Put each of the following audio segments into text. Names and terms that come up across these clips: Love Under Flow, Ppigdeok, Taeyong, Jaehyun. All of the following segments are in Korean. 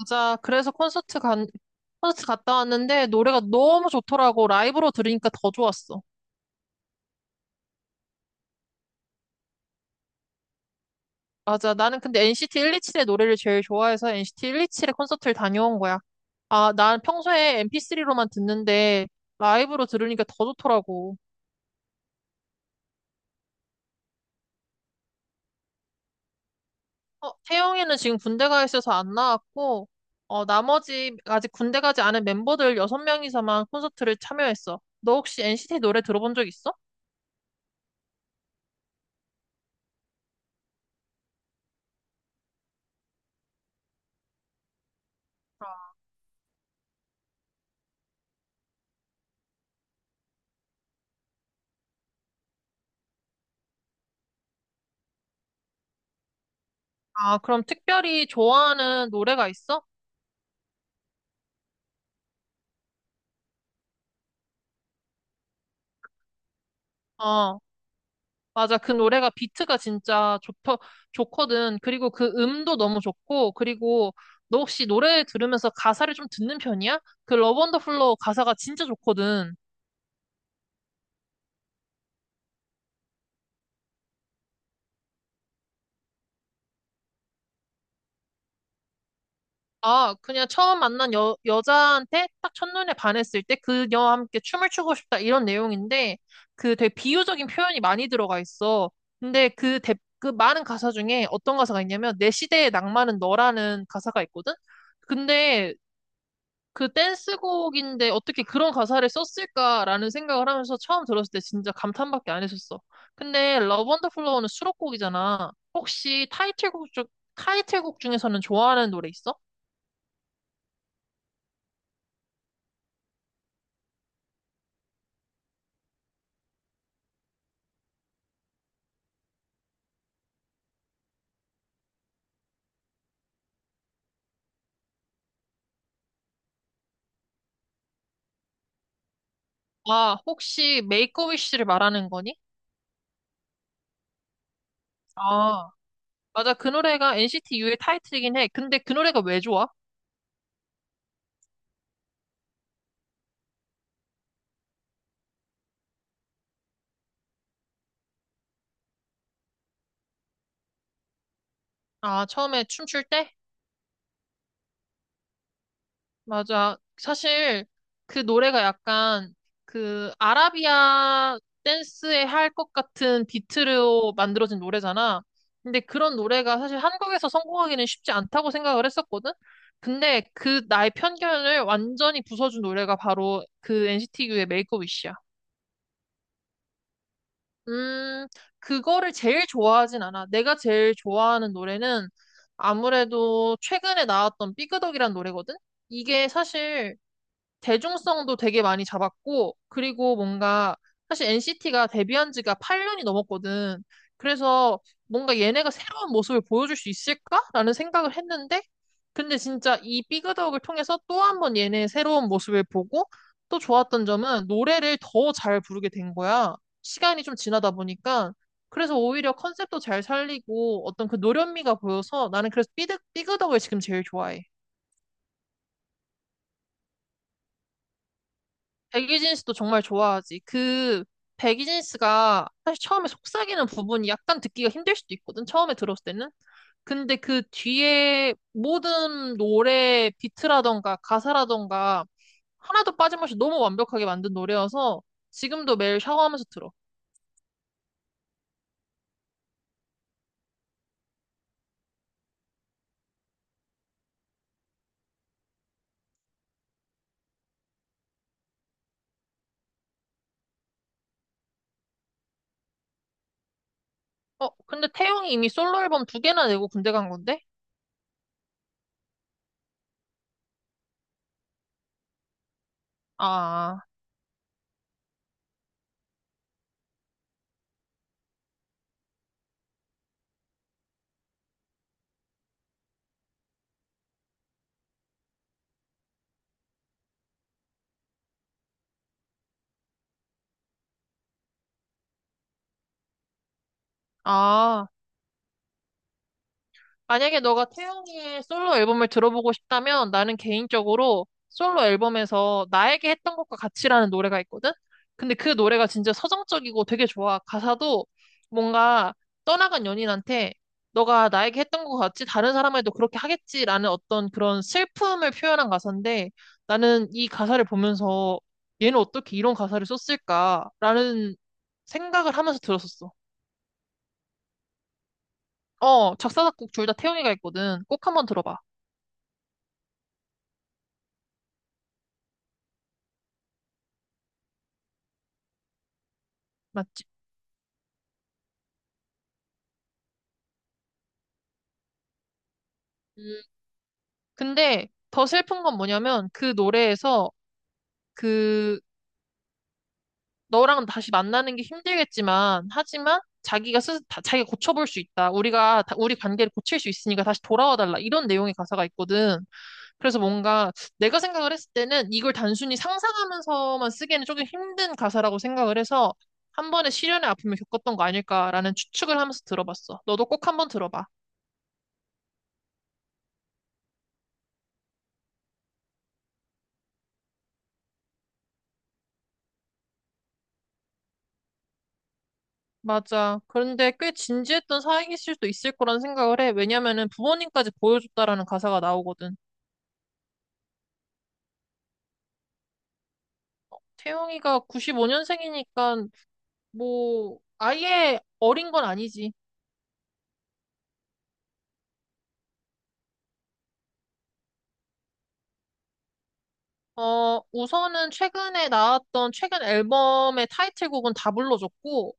맞아. 그래서 콘서트 갔다 왔는데 노래가 너무 좋더라고. 라이브로 들으니까 더 좋았어. 맞아. 나는 근데 NCT 127의 노래를 제일 좋아해서 NCT 127의 콘서트를 다녀온 거야. 아, 난 평소에 MP3로만 듣는데 라이브로 들으니까 더 좋더라고. 어, 태영이는 지금 군대 가 있어서 안 나왔고, 어, 나머지 아직 군대 가지 않은 멤버들 6명이서만 콘서트를 참여했어. 너 혹시 NCT 노래 들어본 적 있어? 아, 그럼 특별히 좋아하는 노래가 있어? 어. 맞아. 그 노래가 비트가 진짜 좋거든. 그리고 그 음도 너무 좋고, 그리고 너 혹시 노래 들으면서 가사를 좀 듣는 편이야? 그 러브 언더 플로우 가사가 진짜 좋거든. 아, 그냥 처음 만난 여자한테 딱 첫눈에 반했을 때 그녀와 함께 춤을 추고 싶다 이런 내용인데 그 되게 비유적인 표현이 많이 들어가 있어. 근데 그 많은 가사 중에 어떤 가사가 있냐면 내 시대의 낭만은 너라는 가사가 있거든? 근데 그 댄스곡인데 어떻게 그런 가사를 썼을까라는 생각을 하면서 처음 들었을 때 진짜 감탄밖에 안 했었어. 근데 러브 언더 플로우는 수록곡이잖아. 혹시 타이틀곡 중에서는 좋아하는 노래 있어? 아, 혹시 메이크 어 위시를 말하는 거니? 아, 맞아. 그 노래가 NCT U의 타이틀이긴 해. 근데 그 노래가 왜 좋아? 아, 처음에 춤출 때? 맞아. 사실 그 노래가 약간 그 아라비아 댄스에 할 것 같은 비트로 만들어진 노래잖아. 근데 그런 노래가 사실 한국에서 성공하기는 쉽지 않다고 생각을 했었거든. 근데 그 나의 편견을 완전히 부숴준 노래가 바로 그 NCT U의 메이크업 위시야. 음, 그거를 제일 좋아하진 않아. 내가 제일 좋아하는 노래는 아무래도 최근에 나왔던 삐그덕이란 노래거든? 이게 사실 대중성도 되게 많이 잡았고, 그리고 뭔가, 사실 NCT가 데뷔한 지가 8년이 넘었거든. 그래서 뭔가 얘네가 새로운 모습을 보여줄 수 있을까라는 생각을 했는데, 근데 진짜 이 삐그덕을 통해서 또 한 번 얘네의 새로운 모습을 보고, 또 좋았던 점은 노래를 더 잘 부르게 된 거야. 시간이 좀 지나다 보니까. 그래서 오히려 컨셉도 잘 살리고 어떤 그 노련미가 보여서 나는 그래서 삐그덕을 지금 제일 좋아해. 백이진 씨도 정말 좋아하지. 그 백이진 씨가 사실 처음에 속삭이는 부분이 약간 듣기가 힘들 수도 있거든. 처음에 들었을 때는. 근데 그 뒤에 모든 노래 비트라던가 가사라던가 하나도 빠짐없이 너무 완벽하게 만든 노래여서 지금도 매일 샤워하면서 들어. 어, 근데 태용이 이미 솔로 앨범 두 개나 내고 군대 간 건데? 아, 아. 만약에 너가 태영이의 솔로 앨범을 들어보고 싶다면 나는 개인적으로 솔로 앨범에서 나에게 했던 것과 같이라는 노래가 있거든? 근데 그 노래가 진짜 서정적이고 되게 좋아. 가사도 뭔가 떠나간 연인한테 너가 나에게 했던 것 같이 다른 사람에도 그렇게 하겠지라는 어떤 그런 슬픔을 표현한 가사인데 나는 이 가사를 보면서 얘는 어떻게 이런 가사를 썼을까라는 생각을 하면서 들었었어. 어, 작사, 작곡 둘 다 태영이가 있거든. 꼭 한번 들어봐. 맞지? 음, 근데 더 슬픈 건 뭐냐면 그 노래에서 그 너랑 다시 만나는 게 힘들겠지만 하지만 자기가 자기가 고쳐볼 수 있다. 우리가 우리 관계를 고칠 수 있으니까 다시 돌아와 달라. 이런 내용의 가사가 있거든. 그래서 뭔가 내가 생각을 했을 때는 이걸 단순히 상상하면서만 쓰기에는 조금 힘든 가사라고 생각을 해서 한 번의 시련의 아픔을 겪었던 거 아닐까라는 추측을 하면서 들어봤어. 너도 꼭 한번 들어봐. 맞아. 그런데 꽤 진지했던 사이일 수도 있을 거란 생각을 해. 왜냐면은 부모님까지 보여줬다라는 가사가 나오거든. 태용이가 95년생이니까 뭐 아예 어린 건 아니지. 어, 우선은 최근에 나왔던 최근 앨범의 타이틀곡은 다 불러줬고,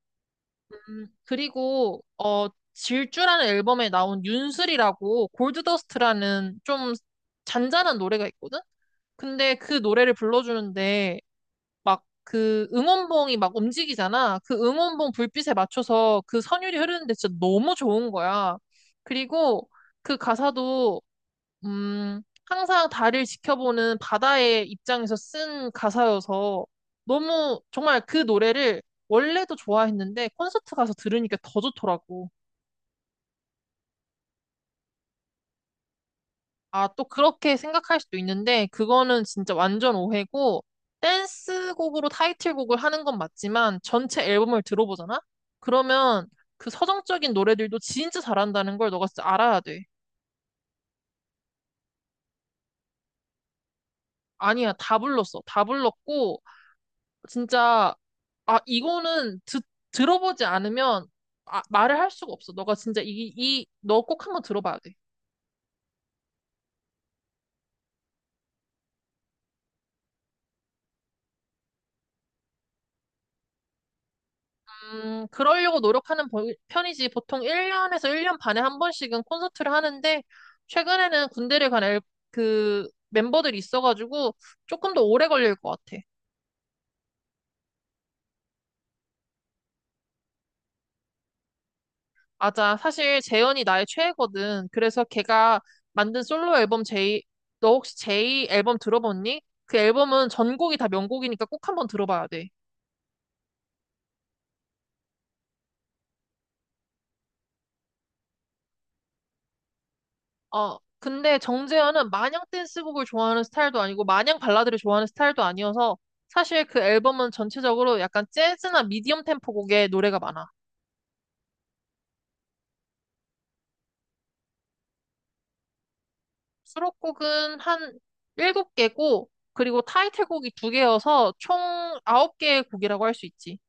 그리고 어, 질주라는 앨범에 나온 윤슬이라고 골드더스트라는 좀 잔잔한 노래가 있거든? 근데 그 노래를 불러주는데 막 그 응원봉이 막 움직이잖아. 그 응원봉 불빛에 맞춰서 그 선율이 흐르는데 진짜 너무 좋은 거야. 그리고 그 가사도 항상 달을 지켜보는 바다의 입장에서 쓴 가사여서 너무 정말 그 노래를 원래도 좋아했는데 콘서트 가서 들으니까 더 좋더라고. 아, 또 그렇게 생각할 수도 있는데, 그거는 진짜 완전 오해고, 댄스곡으로 타이틀곡을 하는 건 맞지만, 전체 앨범을 들어보잖아? 그러면 그 서정적인 노래들도 진짜 잘한다는 걸 너가 진짜 알아야 돼. 아니야, 다 불렀어. 다 불렀고, 진짜, 아, 이거는 들어보지 않으면, 아, 말을 할 수가 없어. 너가 진짜 너 꼭 한번 들어봐야 돼. 그러려고 노력하는 편이지. 보통 1년에서 1년 반에 한 번씩은 콘서트를 하는데, 최근에는 군대를 간 그 멤버들이 있어가지고 조금 더 오래 걸릴 것 같아. 맞아. 사실 재현이 나의 최애거든. 그래서 걔가 만든 솔로 앨범 제이. 너 혹시 제이 앨범 들어봤니? 그 앨범은 전곡이 다 명곡이니까 꼭 한번 들어봐야 돼. 어, 근데 정재현은 마냥 댄스곡을 좋아하는 스타일도 아니고 마냥 발라드를 좋아하는 스타일도 아니어서 사실 그 앨범은 전체적으로 약간 재즈나 미디엄 템포 곡의 노래가 많아. 수록곡은 한 7개고 그리고 타이틀곡이 2개여서 총 9개의 곡이라고 할 수 있지.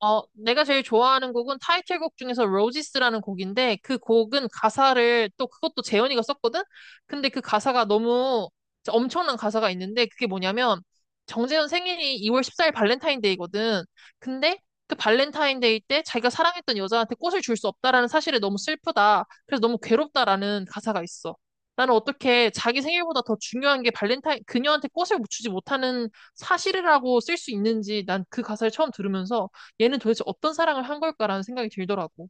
어, 내가 제일 좋아하는 곡은 타이틀곡 중에서 로지스라는 곡인데 그 곡은 가사를 또 그것도 재현이가 썼거든? 근데 그 가사가 너무 엄청난 가사가 있는데 그게 뭐냐면 정재현 생일이 2월 14일 발렌타인데이거든. 근데 그 발렌타인데이 때 자기가 사랑했던 여자한테 꽃을 줄 수 없다라는 사실에 너무 슬프다. 그래서 너무 괴롭다라는 가사가 있어. 나는 어떻게 자기 생일보다 더 중요한 게 발렌타인, 그녀한테 꽃을 주지 못하는 사실이라고 쓸 수 있는지 난 그 가사를 처음 들으면서 얘는 도대체 어떤 사랑을 한 걸까라는 생각이 들더라고.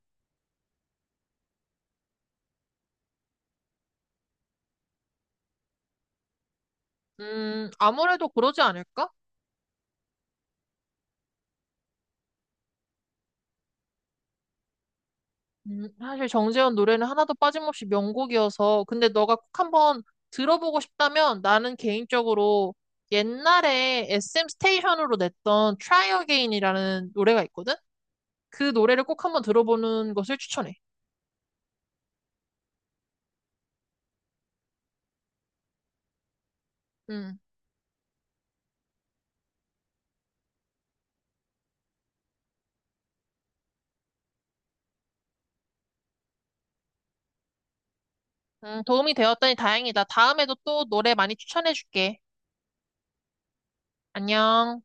아무래도 그러지 않을까? 사실 정재현 노래는 하나도 빠짐없이 명곡이어서, 근데 너가 꼭 한번 들어보고 싶다면 나는 개인적으로 옛날에 SM 스테이션으로 냈던 Try Again이라는 노래가 있거든? 그 노래를 꼭 한번 들어보는 것을 추천해. 음, 도움이 되었다니 다행이다. 다음에도 또 노래 많이 추천해줄게. 안녕.